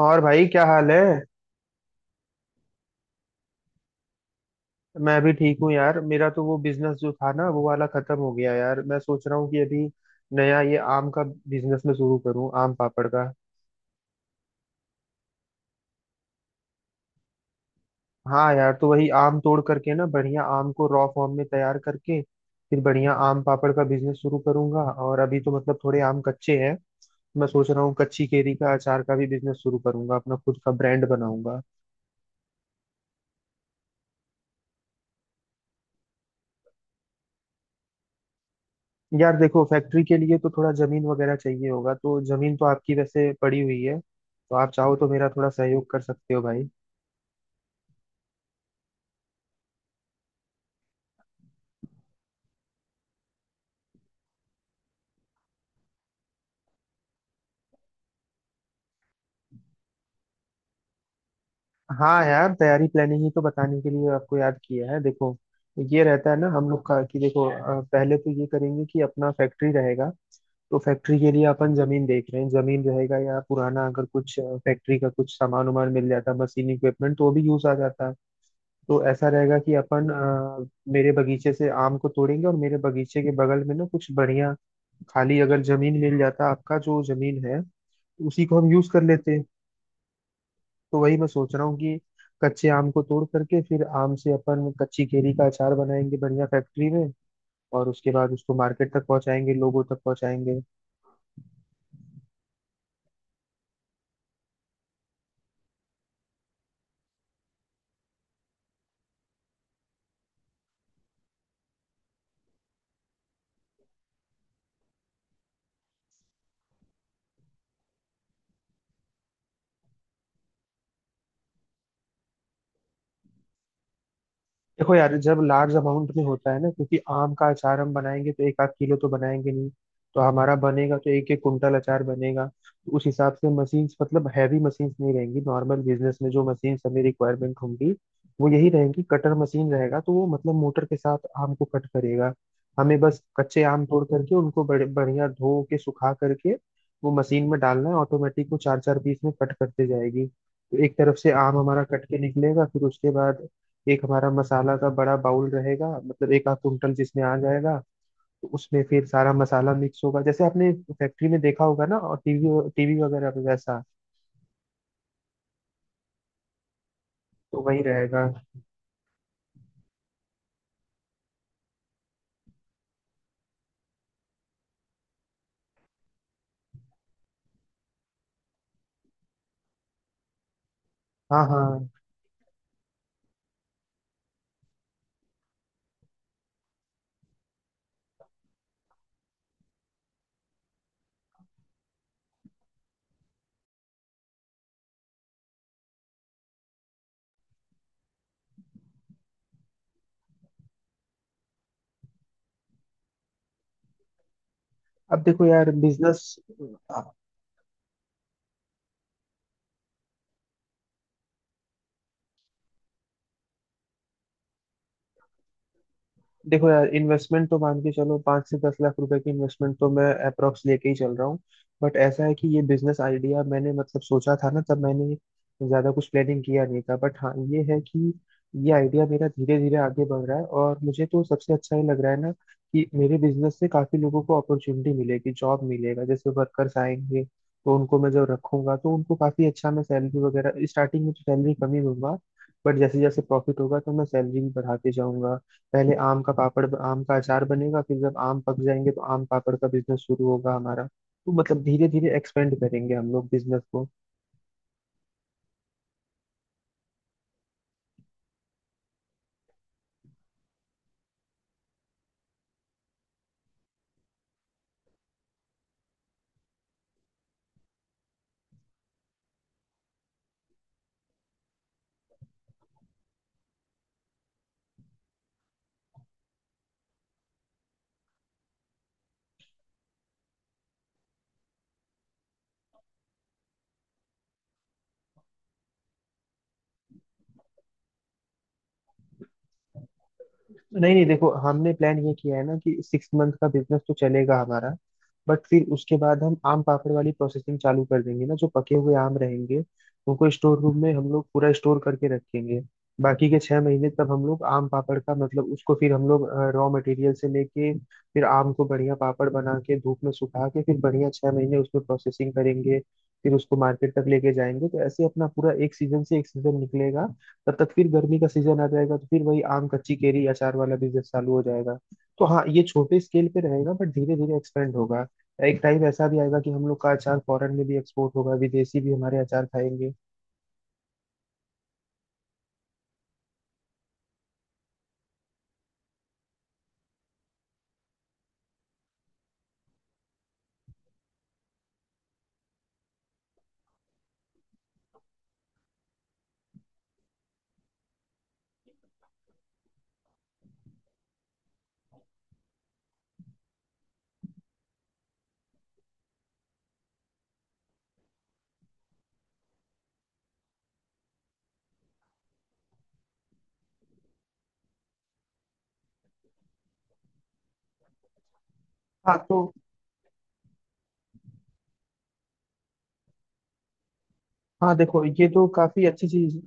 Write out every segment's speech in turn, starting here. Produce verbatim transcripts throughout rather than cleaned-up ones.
और भाई क्या हाल है। मैं भी ठीक हूँ यार। मेरा तो वो बिजनेस जो था ना वो वाला खत्म हो गया यार। मैं सोच रहा हूँ कि अभी नया ये आम का बिजनेस में शुरू करूँ, आम पापड़ का। हाँ यार, तो वही आम तोड़ करके ना बढ़िया आम को रॉ फॉर्म में तैयार करके फिर बढ़िया आम पापड़ का बिजनेस शुरू करूंगा। और अभी तो मतलब थोड़े आम कच्चे हैं। मैं सोच रहा हूँ कच्ची केरी का अचार का भी बिजनेस शुरू करूंगा, अपना खुद का ब्रांड बनाऊंगा। यार देखो, फैक्ट्री के लिए तो थोड़ा जमीन वगैरह चाहिए होगा, तो जमीन तो आपकी वैसे पड़ी हुई है, तो आप चाहो तो मेरा थोड़ा सहयोग कर सकते हो भाई। हाँ यार, तैयारी प्लानिंग ही तो बताने के लिए आपको याद किया है। देखो ये रहता है ना हम लोग का कि देखो अ, पहले तो ये करेंगे कि अपना फैक्ट्री रहेगा। तो फैक्ट्री के लिए अपन जमीन देख रहे हैं। जमीन रहेगा या पुराना, अगर कुछ फैक्ट्री का कुछ सामान वामान मिल जाता, मशीन इक्विपमेंट तो वो भी यूज आ जाता है। तो ऐसा रहेगा कि अपन अ, मेरे बगीचे से आम को तोड़ेंगे, और मेरे बगीचे के बगल में ना कुछ बढ़िया खाली अगर जमीन मिल जाता, आपका जो जमीन है उसी को हम यूज कर लेते। तो वही मैं सोच रहा हूँ कि कच्चे आम को तोड़ करके फिर आम से अपन कच्ची केरी का अचार बनाएंगे बढ़िया फैक्ट्री में। और उसके बाद उसको मार्केट तक पहुंचाएंगे, लोगों तक पहुंचाएंगे। देखो यार, जब लार्ज अमाउंट में होता है ना, क्योंकि आम का अचार हम बनाएंगे तो एक आध किलो तो बनाएंगे नहीं। तो हमारा बनेगा तो एक एक कुंटल अचार बनेगा। तो उस हिसाब से मशीन्स, मतलब हैवी मशीन्स नहीं रहेंगी, नॉर्मल बिजनेस में जो मशीन्स हमें रिक्वायरमेंट होंगी वो यही रहेंगी। कटर मशीन रहेगा, तो वो मतलब मोटर के साथ आम को कट करेगा। हमें बस कच्चे आम तोड़ करके उनको बड़े बढ़िया धो के सुखा करके वो मशीन में डालना है। ऑटोमेटिक वो चार चार पीस में कट करते जाएगी। तो एक तरफ से आम हमारा कट के निकलेगा, फिर उसके बाद एक हमारा मसाला का बड़ा बाउल रहेगा, मतलब एक आध कुंटल जिसमें आ जाएगा। तो उसमें फिर सारा मसाला मिक्स होगा, जैसे आपने फैक्ट्री में देखा होगा ना, और टीवी टीवी वगैरह में वैसा तो वही रहेगा। हाँ हाँ। अब देखो यार बिजनेस, देखो यार इन्वेस्टमेंट तो मान के चलो, पाँच से दस लाख रुपए की इन्वेस्टमेंट तो मैं अप्रोक्स लेके ही चल रहा हूँ। बट ऐसा है कि ये बिजनेस आइडिया मैंने मतलब सोचा था ना, तब मैंने ज्यादा कुछ प्लानिंग किया नहीं था। बट हाँ ये है कि ये आइडिया मेरा धीरे धीरे आगे बढ़ रहा है, और मुझे तो सबसे अच्छा ये लग रहा है ना कि मेरे बिजनेस से काफी लोगों को अपॉर्चुनिटी मिलेगी, जॉब मिलेगा। जैसे वर्कर्स आएंगे तो उनको मैं जब रखूंगा तो उनको काफी अच्छा मैं सैलरी वगैरह, स्टार्टिंग में तो सैलरी कम ही दूंगा, बट जैसे जैसे प्रॉफिट होगा तो मैं सैलरी भी बढ़ाते जाऊंगा। पहले आम का पापड़, आम का अचार बनेगा। फिर जब आम पक जाएंगे तो आम पापड़ का बिजनेस शुरू होगा हमारा, तो मतलब धीरे धीरे एक्सपेंड करेंगे हम लोग बिजनेस को। नहीं नहीं, देखो हमने प्लान ये किया है ना कि सिक्स मंथ का बिजनेस तो चलेगा हमारा। बट फिर उसके बाद हम आम पापड़ वाली प्रोसेसिंग चालू कर देंगे ना, जो पके हुए आम रहेंगे उनको स्टोर रूम में हम लोग पूरा स्टोर करके रखेंगे। बाकी के छह महीने तब हम लोग आम पापड़ का, मतलब उसको फिर हम लोग रॉ मटेरियल से लेके फिर आम को बढ़िया पापड़ बना के धूप में सुखा के फिर बढ़िया छह महीने उसमें प्रोसेसिंग करेंगे। फिर उसको मार्केट तक लेके जाएंगे। तो ऐसे अपना पूरा एक सीजन से एक सीजन निकलेगा। तब तक फिर गर्मी का सीजन आ जाएगा, तो फिर वही आम कच्ची केरी अचार वाला बिजनेस चालू हो जाएगा। तो हाँ, ये छोटे स्केल पे रहेगा बट धीरे धीरे एक्सपेंड होगा। एक टाइम ऐसा भी आएगा कि हम लोग का अचार फॉरेन में भी एक्सपोर्ट होगा, विदेशी भी हमारे अचार खाएंगे। हाँ तो हाँ देखो, ये तो काफी अच्छी चीज।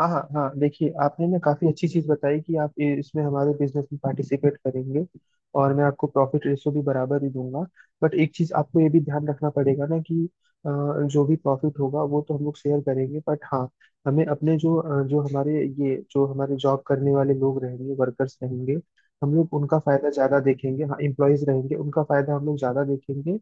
हाँ हाँ हाँ, देखिए आपने ना काफी अच्छी चीज बताई कि आप इ- इसमें हमारे बिजनेस में पार्टिसिपेट करेंगे। और मैं आपको प्रॉफिट रेशो भी बराबर ही दूंगा। बट एक चीज आपको ये भी ध्यान रखना पड़ेगा ना कि अ, जो भी प्रॉफिट होगा वो तो हम लोग शेयर करेंगे। बट हाँ, हमें अपने जो अ, जो हमारे ये, जो हमारे जॉब करने वाले लोग रहेंगे, वर्कर्स रहेंगे, हम लोग उनका फायदा ज्यादा देखेंगे। हाँ, एम्प्लॉयज रहेंगे, उनका फायदा हम लोग ज्यादा देखेंगे।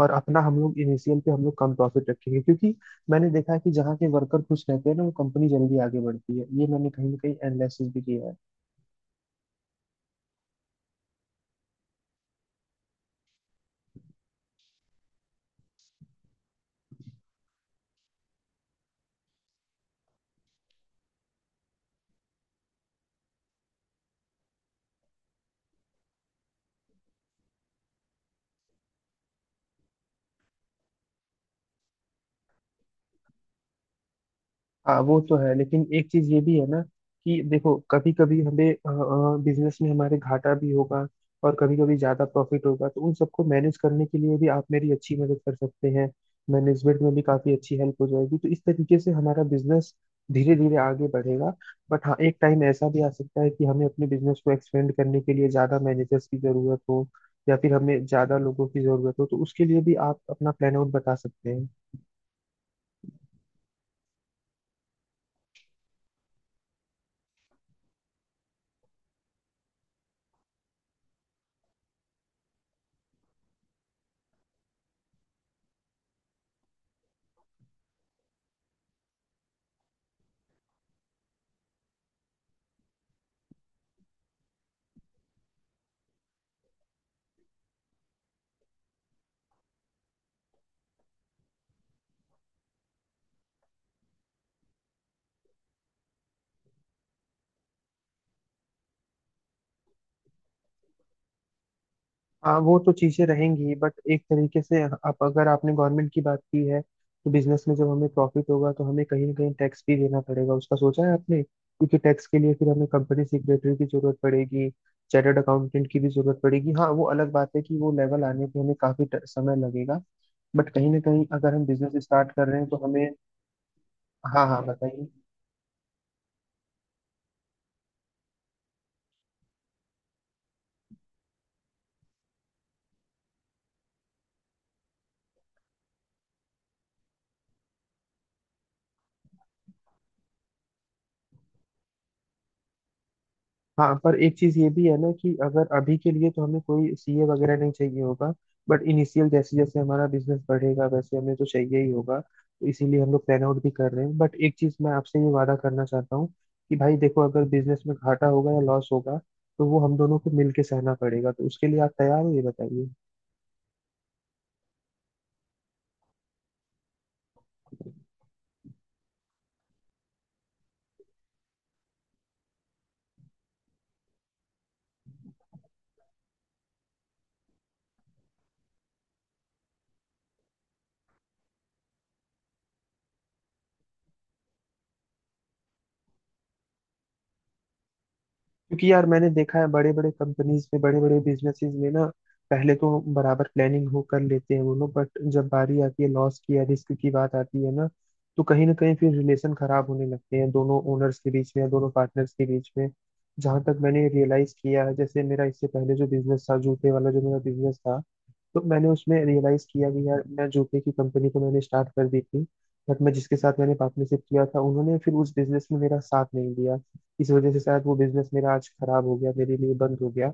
और अपना हम लोग इनिशियल पे हम लोग कम प्रॉफिट रखेंगे, क्योंकि मैंने देखा है कि जहाँ के वर्कर खुश रहते हैं ना वो कंपनी जल्दी आगे बढ़ती है, ये मैंने कहीं ना कहीं एनालिसिस भी किया है। हाँ वो तो है, लेकिन एक चीज ये भी है ना कि देखो, कभी कभी हमें बिजनेस में हमारे घाटा भी होगा और कभी कभी ज्यादा प्रॉफिट होगा, तो उन सबको मैनेज करने के लिए भी आप मेरी अच्छी मदद कर सकते हैं। मैनेजमेंट में भी काफी अच्छी हेल्प हो जाएगी, तो इस तरीके से हमारा बिजनेस धीरे धीरे आगे बढ़ेगा। बट हाँ, एक टाइम ऐसा भी आ सकता है कि हमें अपने बिजनेस को एक्सपेंड करने के लिए ज्यादा मैनेजर्स की जरूरत हो, या फिर हमें ज्यादा लोगों की जरूरत हो। तो उसके लिए भी आप अपना प्लान आउट बता सकते हैं। हाँ वो तो चीजें रहेंगी, बट एक तरीके से आप, अगर आपने गवर्नमेंट की बात की है तो बिजनेस में जब हमें प्रॉफिट होगा तो हमें कहीं ना कहीं टैक्स भी देना पड़ेगा, उसका सोचा है आपने? क्योंकि टैक्स के लिए फिर हमें कंपनी सेक्रेटरी की जरूरत पड़ेगी, चार्टर्ड अकाउंटेंट की भी जरूरत पड़ेगी। हाँ वो अलग बात है कि वो लेवल आने पे हमें काफी ट- समय लगेगा। बट कहीं ना कहीं अगर हम बिजनेस स्टार्ट कर रहे हैं तो हमें। हाँ हाँ बताइए। हाँ पर एक चीज ये भी है ना कि अगर अभी के लिए तो हमें कोई सीए वगैरह नहीं चाहिए होगा। बट इनिशियल जैसे जैसे हमारा बिजनेस बढ़ेगा वैसे हमें तो चाहिए ही होगा, तो इसीलिए हम लोग प्लान आउट भी कर रहे हैं। बट एक चीज मैं आपसे ये वादा करना चाहता हूँ कि भाई देखो, अगर बिजनेस में घाटा होगा या लॉस होगा तो वो हम दोनों को मिलके सहना पड़ेगा। तो उसके लिए आप तैयार हो ये बताइए। क्योंकि यार मैंने देखा है, बड़े बड़े कंपनीज में, बड़े बड़े बिजनेसेस में ना, पहले तो बराबर प्लानिंग हो कर लेते हैं वो लोग, बट जब बारी आती है, लॉस की या रिस्क की बात आती है ना, तो कहीं ना कहीं फिर रिलेशन खराब होने लगते हैं दोनों ओनर्स के बीच में या दोनों पार्टनर्स के बीच में। जहां तक मैंने रियलाइज किया है, जैसे मेरा इससे पहले जो बिजनेस था जूते वाला जो मेरा बिजनेस था, तो मैंने उसमें रियलाइज किया कि यार मैं जूते की कंपनी तो मैंने स्टार्ट कर दी थी, बट मैं जिसके साथ मैंने पार्टनरशिप किया था उन्होंने फिर उस बिजनेस में मेरा साथ नहीं दिया। इस वजह से शायद वो बिजनेस मेरा आज खराब हो गया, मेरे लिए बंद हो गया।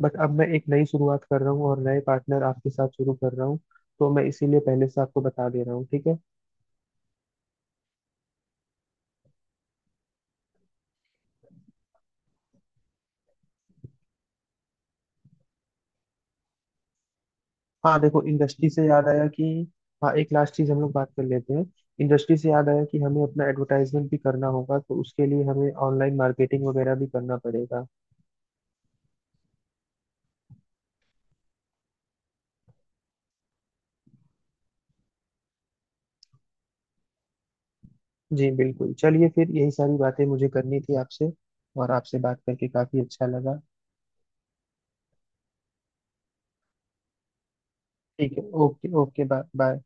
बट अब मैं एक नई शुरुआत कर रहा हूँ और नए पार्टनर आपके साथ शुरू कर रहा हूँ, तो मैं इसीलिए पहले से आपको बता दे रहा हूँ, ठीक है। हाँ देखो, इंडस्ट्री से याद आया कि, हाँ एक लास्ट चीज हम लोग बात कर लेते हैं। इंडस्ट्री से याद आया कि हमें अपना एडवर्टाइजमेंट भी करना होगा, तो उसके लिए हमें ऑनलाइन मार्केटिंग वगैरह भी करना पड़ेगा। जी बिल्कुल, चलिए फिर यही सारी बातें मुझे करनी थी आपसे, और आपसे बात करके काफी अच्छा लगा। ठीक है, ओके ओके, बाय बाय।